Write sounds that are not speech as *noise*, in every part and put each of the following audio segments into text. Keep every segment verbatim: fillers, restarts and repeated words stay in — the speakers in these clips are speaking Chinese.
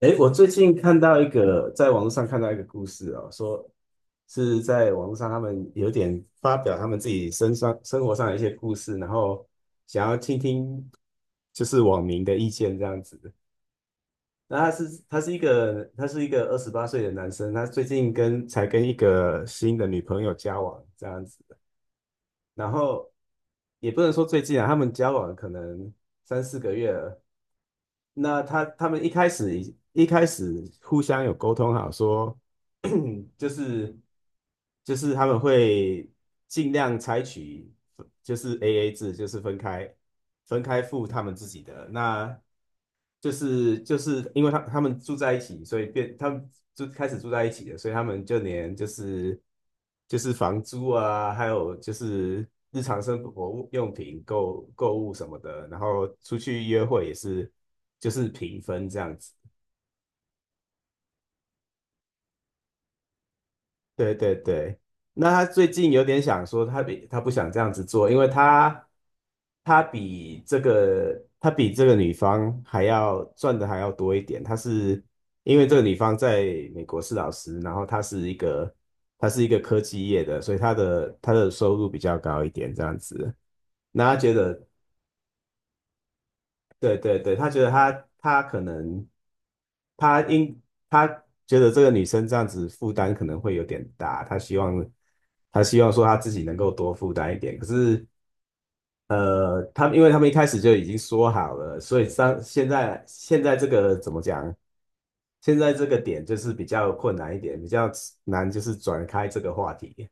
哎，我最近看到一个，在网络上看到一个故事哦，说是在网络上他们有点发表他们自己身上生活上的一些故事，然后想要听听就是网民的意见这样子。那他是他是一个他是一个二十八岁的男生，他最近跟才跟一个新的女朋友交往这样子。然后也不能说最近啊，他们交往可能三四个月了。那他他们一开始一开始互相有沟通好说，*clears throat* 就是就是他们会尽量采取就是 A A 制，就是分开分开付他们自己的。那就是就是因为他他们住在一起，所以变他们就开始住在一起的，所以他们就连就是就是房租啊，还有就是日常生活用品、购购物什么的，然后出去约会也是就是平分这样子。对对对。那他最近有点想说他比他不想这样子做，因为他他比这个他比这个女方还要赚的还要多一点。他是因为这个女方在美国是老师，然后他是一个他是一个科技业的，所以他的他的收入比较高一点这样子。那他觉得，对对对，他觉得他他可能他应他觉得这个女生这样子负担可能会有点大，他希望他希望说他自己能够多负担一点。可是呃，他们因为他们一开始就已经说好了，所以上现在现在这个怎么讲？现在这个点就是比较困难一点，比较难就是转开这个话题，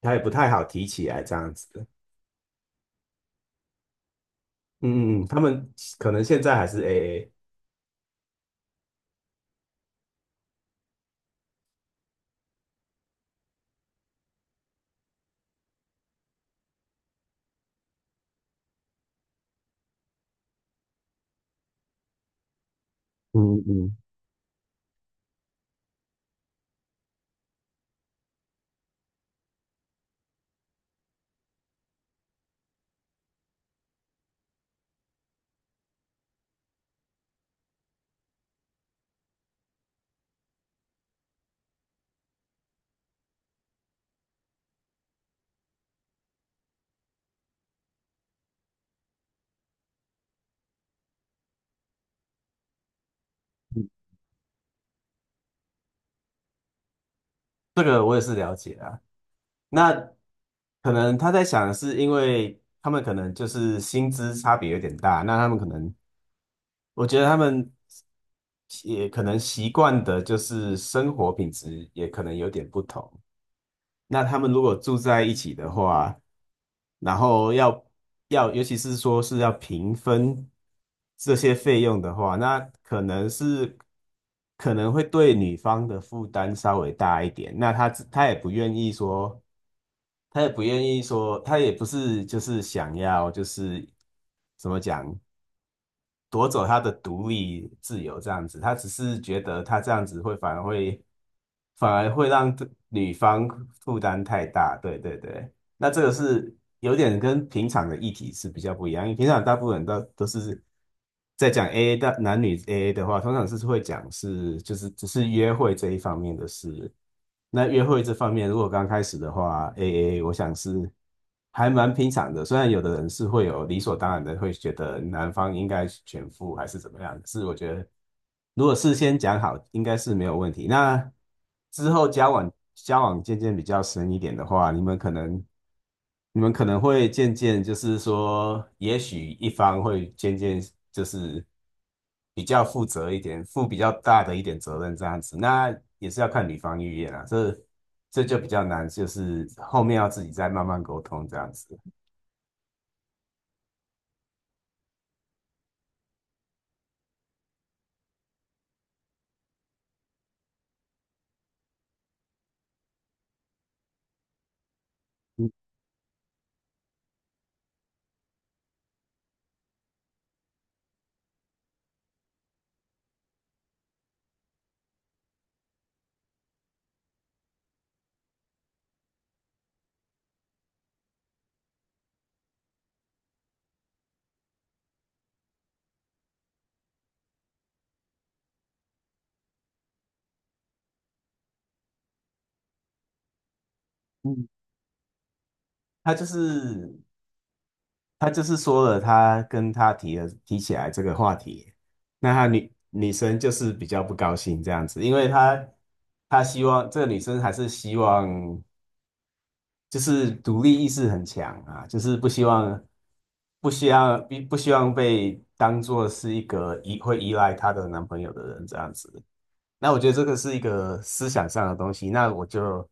他也不太好提起来这样子。嗯嗯嗯，他们可能现在还是 A A。嗯嗯，这个我也是了解啊。那可能他在想的是，因为他们可能就是薪资差别有点大，那他们可能，我觉得他们也可能习惯的就是生活品质也可能有点不同。那他们如果住在一起的话，然后要要，尤其是说是要平分这些费用的话，那可能是可能会对女方的负担稍微大一点。那她她也不愿意说，她也不愿意说，她也不是就是想要就是怎么讲，夺走他的独立自由这样子，他只是觉得他这样子会反而会反而会让女方负担太大，对对对。那这个是有点跟平常的议题是比较不一样，因为平常大部分人都都是在讲 A A 的男女 A A 的话，通常是会讲是就是只是约会这一方面的事。那约会这方面，如果刚开始的话，A A 我想是还蛮平常的。虽然有的人是会有理所当然的会觉得男方应该全付还是怎么样，可是我觉得如果事先讲好，应该是没有问题。那之后交往交往渐渐比较深一点的话，你们可能你们可能会渐渐就是说，也许一方会渐渐就是比较负责一点，负比较大的一点责任这样子，那也是要看女方意愿啊，这这就比较难，就是后面要自己再慢慢沟通这样子。嗯嗯，他就是他就是说了，他跟他提了提起来这个话题，那他女女生就是比较不高兴这样子，因为他他希望这个女生还是希望。就是独立意识很强啊，就是不希望不希望不不希望被当做是一个依会依赖她的男朋友的人这样子。那我觉得这个是一个思想上的东西，那我就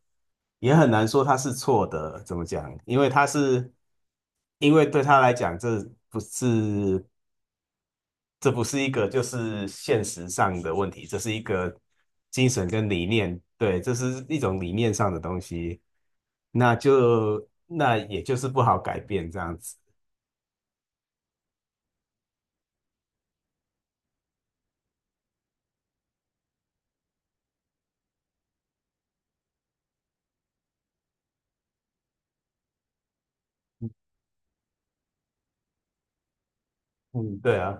也很难说他是错的，怎么讲？因为他是因为对他来讲，这不是这不是一个就是现实上的问题，这是一个精神跟理念，对，这是一种理念上的东西，那就那也就是不好改变这样子。嗯，对啊。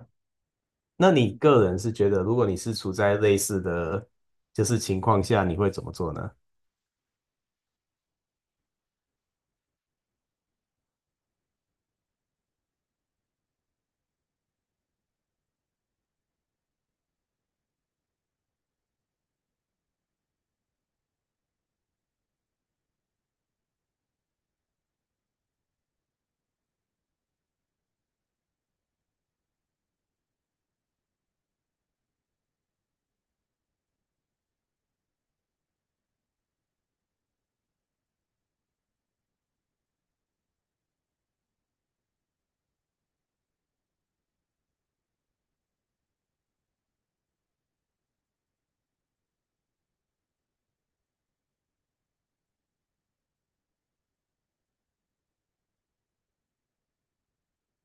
那你个人是觉得，如果你是处在类似的就是情况下，你会怎么做呢？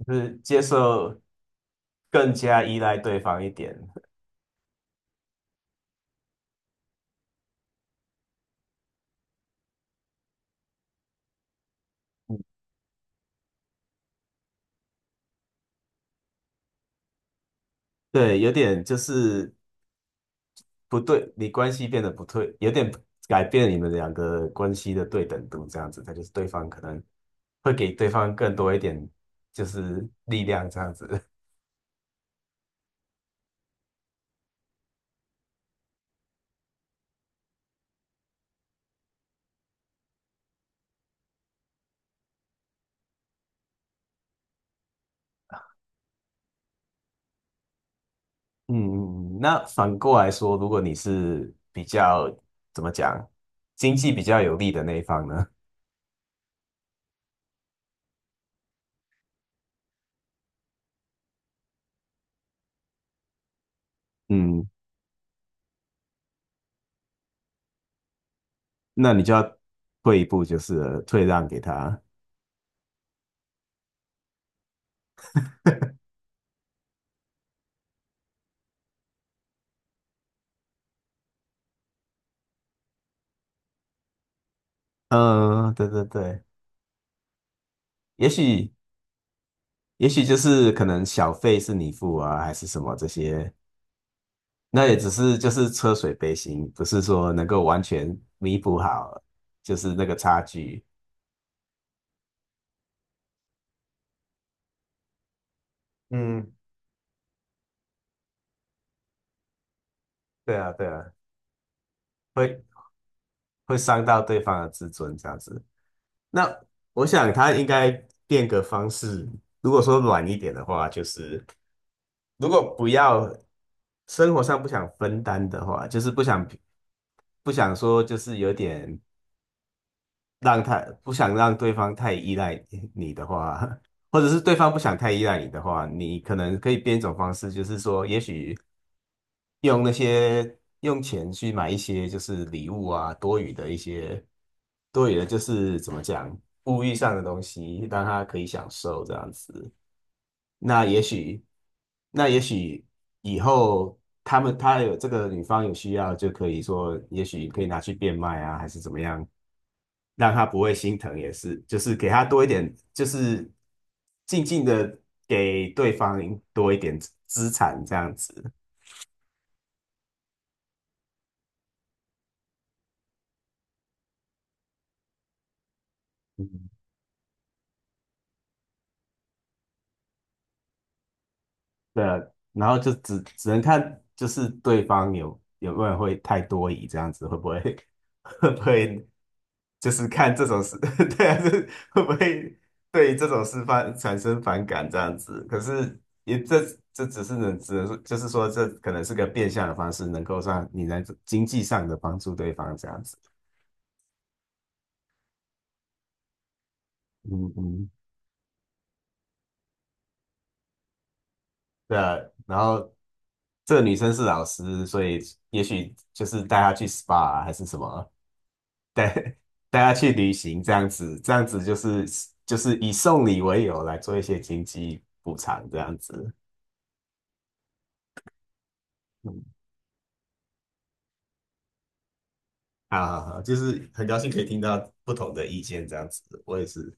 就是接受更加依赖对方一点，对，有点就是不对，你关系变得不对，有点改变你们两个关系的对等度，这样子，他就是对方可能会给对方更多一点，就是力量这样子。*laughs* 嗯，嗯那反过来说，如果你是比较怎么讲，经济比较有利的那一方呢？*laughs* 嗯，那你就要退一步，就是了退让给他。嗯，对对对，也许也许就是可能小费是你付啊，还是什么这些。那也只是就是车水杯薪，不是说能够完全弥补好，就是那个差距。嗯，对啊，对啊，会会伤到对方的自尊这样子。那我想他应该变个方式，如果说软一点的话，就是如果不要生活上不想分担的话，就是不想不想说就是有点让他不想让对方太依赖你 *laughs* 的话，*laughs* 或者是对方不想太依赖你的话，你可能可以变一种方式，就是说，也许用那些用钱去买一些就是礼物啊，多余的一些多余的，就是怎么讲，物欲上的东西，让他可以享受这样子。那也许，那也许以后他们他有这个女方有需要，就可以说，也许可以拿去变卖啊，还是怎么样，让他不会心疼，也是，就是给他多一点，就是静静的给对方多一点资产这样子。嗯， *laughs* 对啊。然后就只只能看就是对方有有没有会太多疑这样子，会不会 *laughs* 会不会就是看这种事，*laughs* 对啊，这会不会对这种事发产生反感这样子？可是也这这只是能只能说，就是说这可能是个变相的方式，能够让你能经济上的帮助对方这样子。嗯嗯，对啊。然后这个女生是老师，所以也许就是带她去 S P A 啊还是什么，带 *laughs* 带她去旅行这样子，这样子就是就是以送礼为由来做一些经济补偿这样子。嗯啊，就是很高兴可以听到不同的意见，这样子，我也是